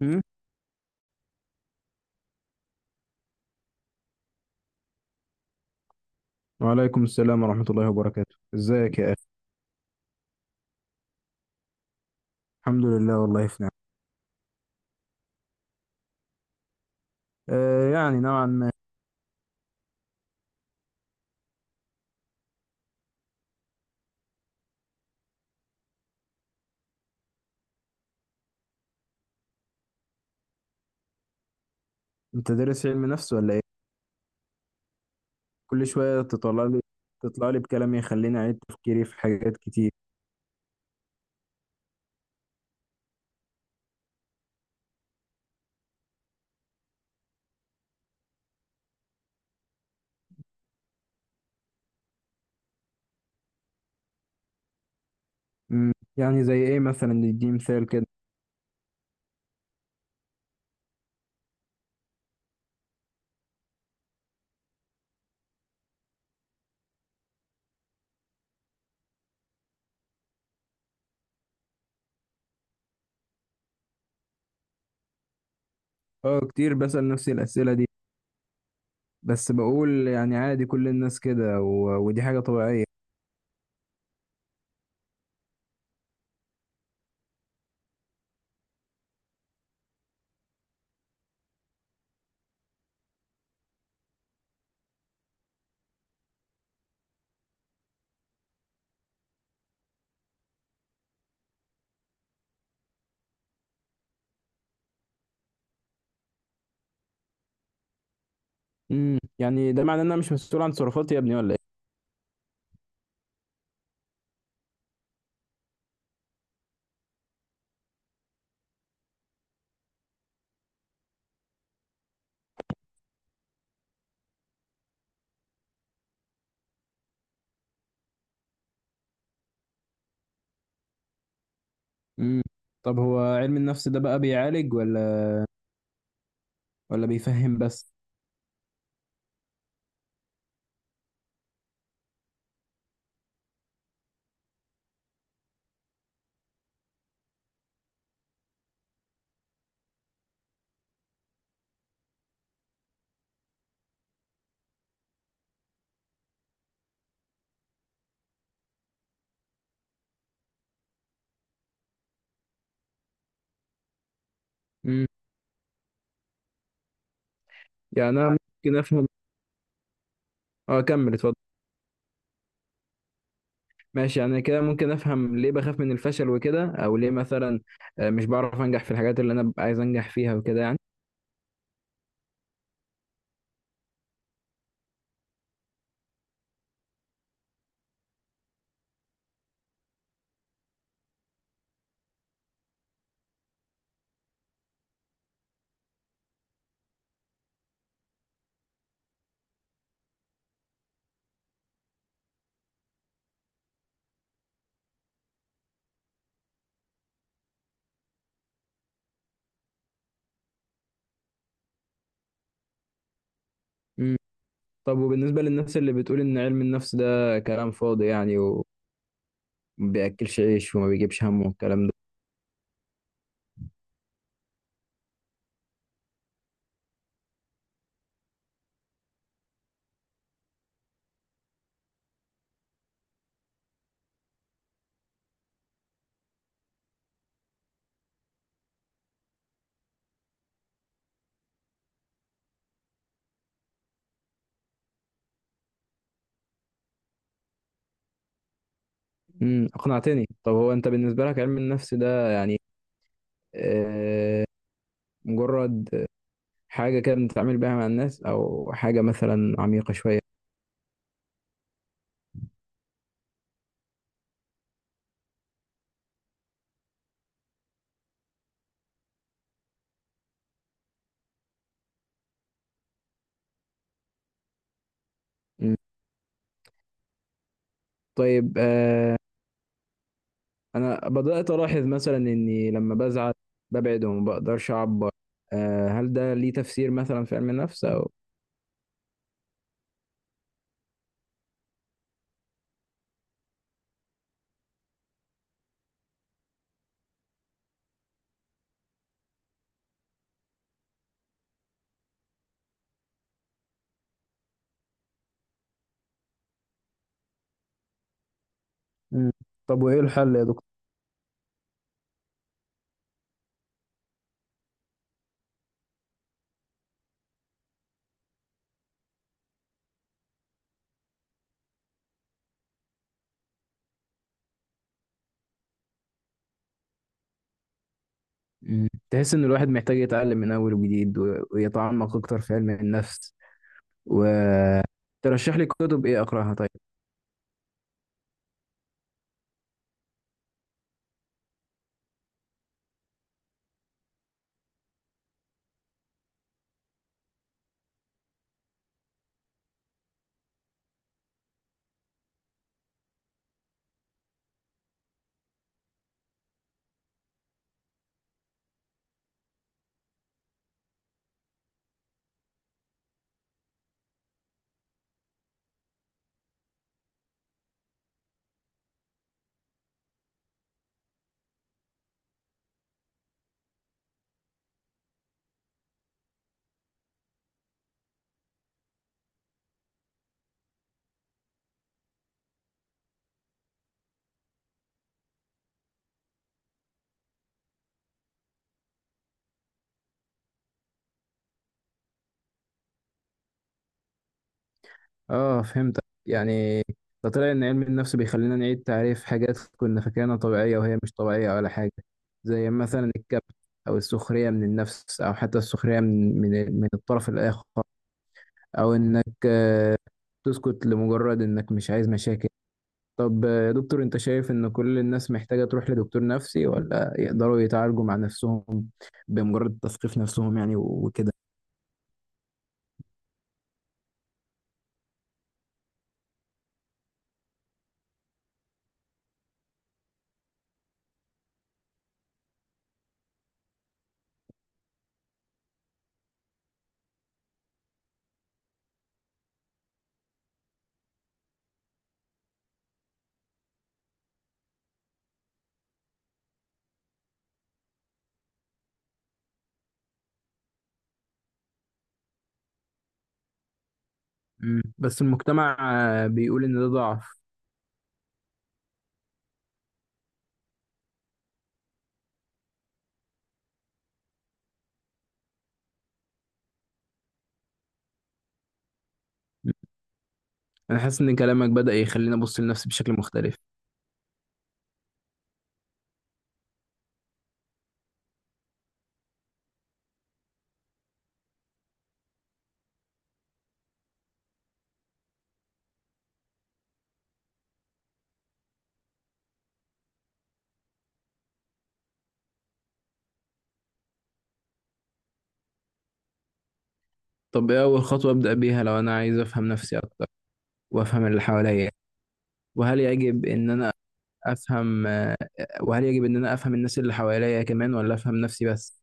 مم. وعليكم السلام ورحمة الله وبركاته، ازيك يا اخي؟ الحمد لله، والله في نعم. آه، يعني نوعا ما. انت دارس علم نفس ولا ايه؟ كل شوية تطلع لي بكلام يخليني اعيد تفكيري في حاجات كتير. مم. يعني زي ايه مثلا، ندي مثال كده؟ اه، كتير بسأل نفسي الأسئلة دي، بس بقول يعني عادي، كل الناس كده، ودي حاجة طبيعية. مم. يعني ده معناه ان انا مش مسؤول عن تصرفاتي يا ابني ولا ايه؟ مم. طب هو علم النفس ده بقى بيعالج ولا بيفهم بس؟ مم. يعني انا ممكن افهم. اه، كمل، اتفضل. ماشي، يعني كده ممكن افهم ليه بخاف من الفشل وكده، او ليه مثلا مش بعرف انجح في الحاجات اللي انا ببقى عايز انجح فيها وكده يعني. مم. طب وبالنسبة للناس اللي بتقول ان علم النفس ده كلام فاضي يعني، وما بياكلش عيش وما بيجيبش همه والكلام ده؟ اقنعتني. طب هو انت بالنسبة لك علم النفس ده يعني آه مجرد حاجة كده بنتعامل بيها مع الناس، او حاجة مثلا عميقة شوية؟ مم. طيب، انا بدات الاحظ مثلا اني لما بزعل ببعد وما بقدرش اعبر. هل ده ليه تفسير مثلا في علم النفس او؟ مم. طب وايه الحل يا دكتور؟ مم. تحس ان الواحد محتاج يتعلم من اول وجديد ويتعمق اكتر في علم النفس، وترشح لي كتب ايه اقراها طيب؟ اه، فهمتك يعني. ده طلع ان علم النفس بيخلينا نعيد تعريف حاجات كنا فاكرينها طبيعيه وهي مش طبيعيه ولا حاجه، زي مثلا الكبت، او السخريه من النفس، او حتى السخريه من الطرف الاخر، او انك تسكت لمجرد انك مش عايز مشاكل. طب يا دكتور، انت شايف ان كل الناس محتاجة تروح لدكتور نفسي، ولا يقدروا يتعالجوا مع نفسهم بمجرد تثقيف نفسهم يعني وكده؟ مم. بس المجتمع بيقول ان ده ضعف. مم. انا حاسس ان كلامك بدأ يخليني ابص لنفسي بشكل مختلف. طب ايه اول خطوة ابدأ بيها لو انا عايز افهم نفسي اكتر وافهم اللي حواليا؟ وهل يجب ان انا افهم آه، وهل يجب ان انا افهم الناس اللي حواليا كمان، ولا افهم نفسي بس؟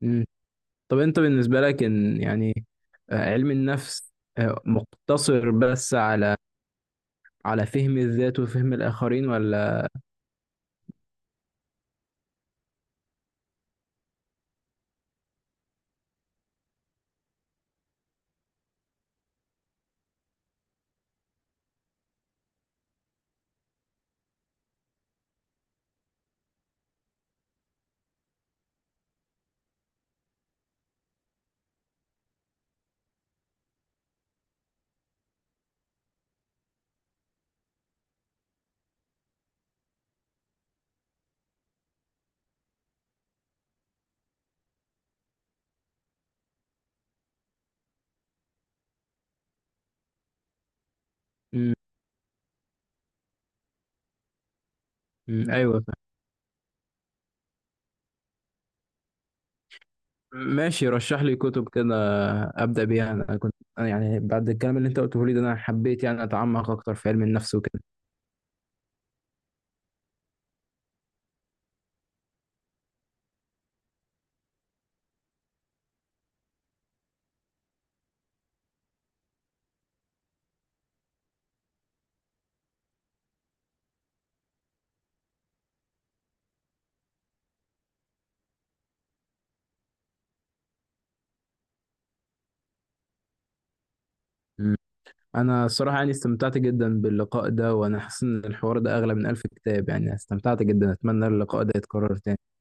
مم. طب انت بالنسبة لك ان يعني، علم النفس مقتصر بس على فهم الذات وفهم الآخرين، ولا؟ مم، مم، ايوه فاهم. ماشي، رشح لي كتب كده أبدأ بيها. انا كنت أنا يعني بعد الكلام اللي انت قلته لي ده انا حبيت يعني اتعمق اكتر في علم النفس وكده. مم. انا الصراحة يعني استمتعت جدا باللقاء ده، وانا حاسس ان الحوار ده اغلى من ألف كتاب، يعني استمتعت جدا، اتمنى اللقاء ده يتكرر تاني.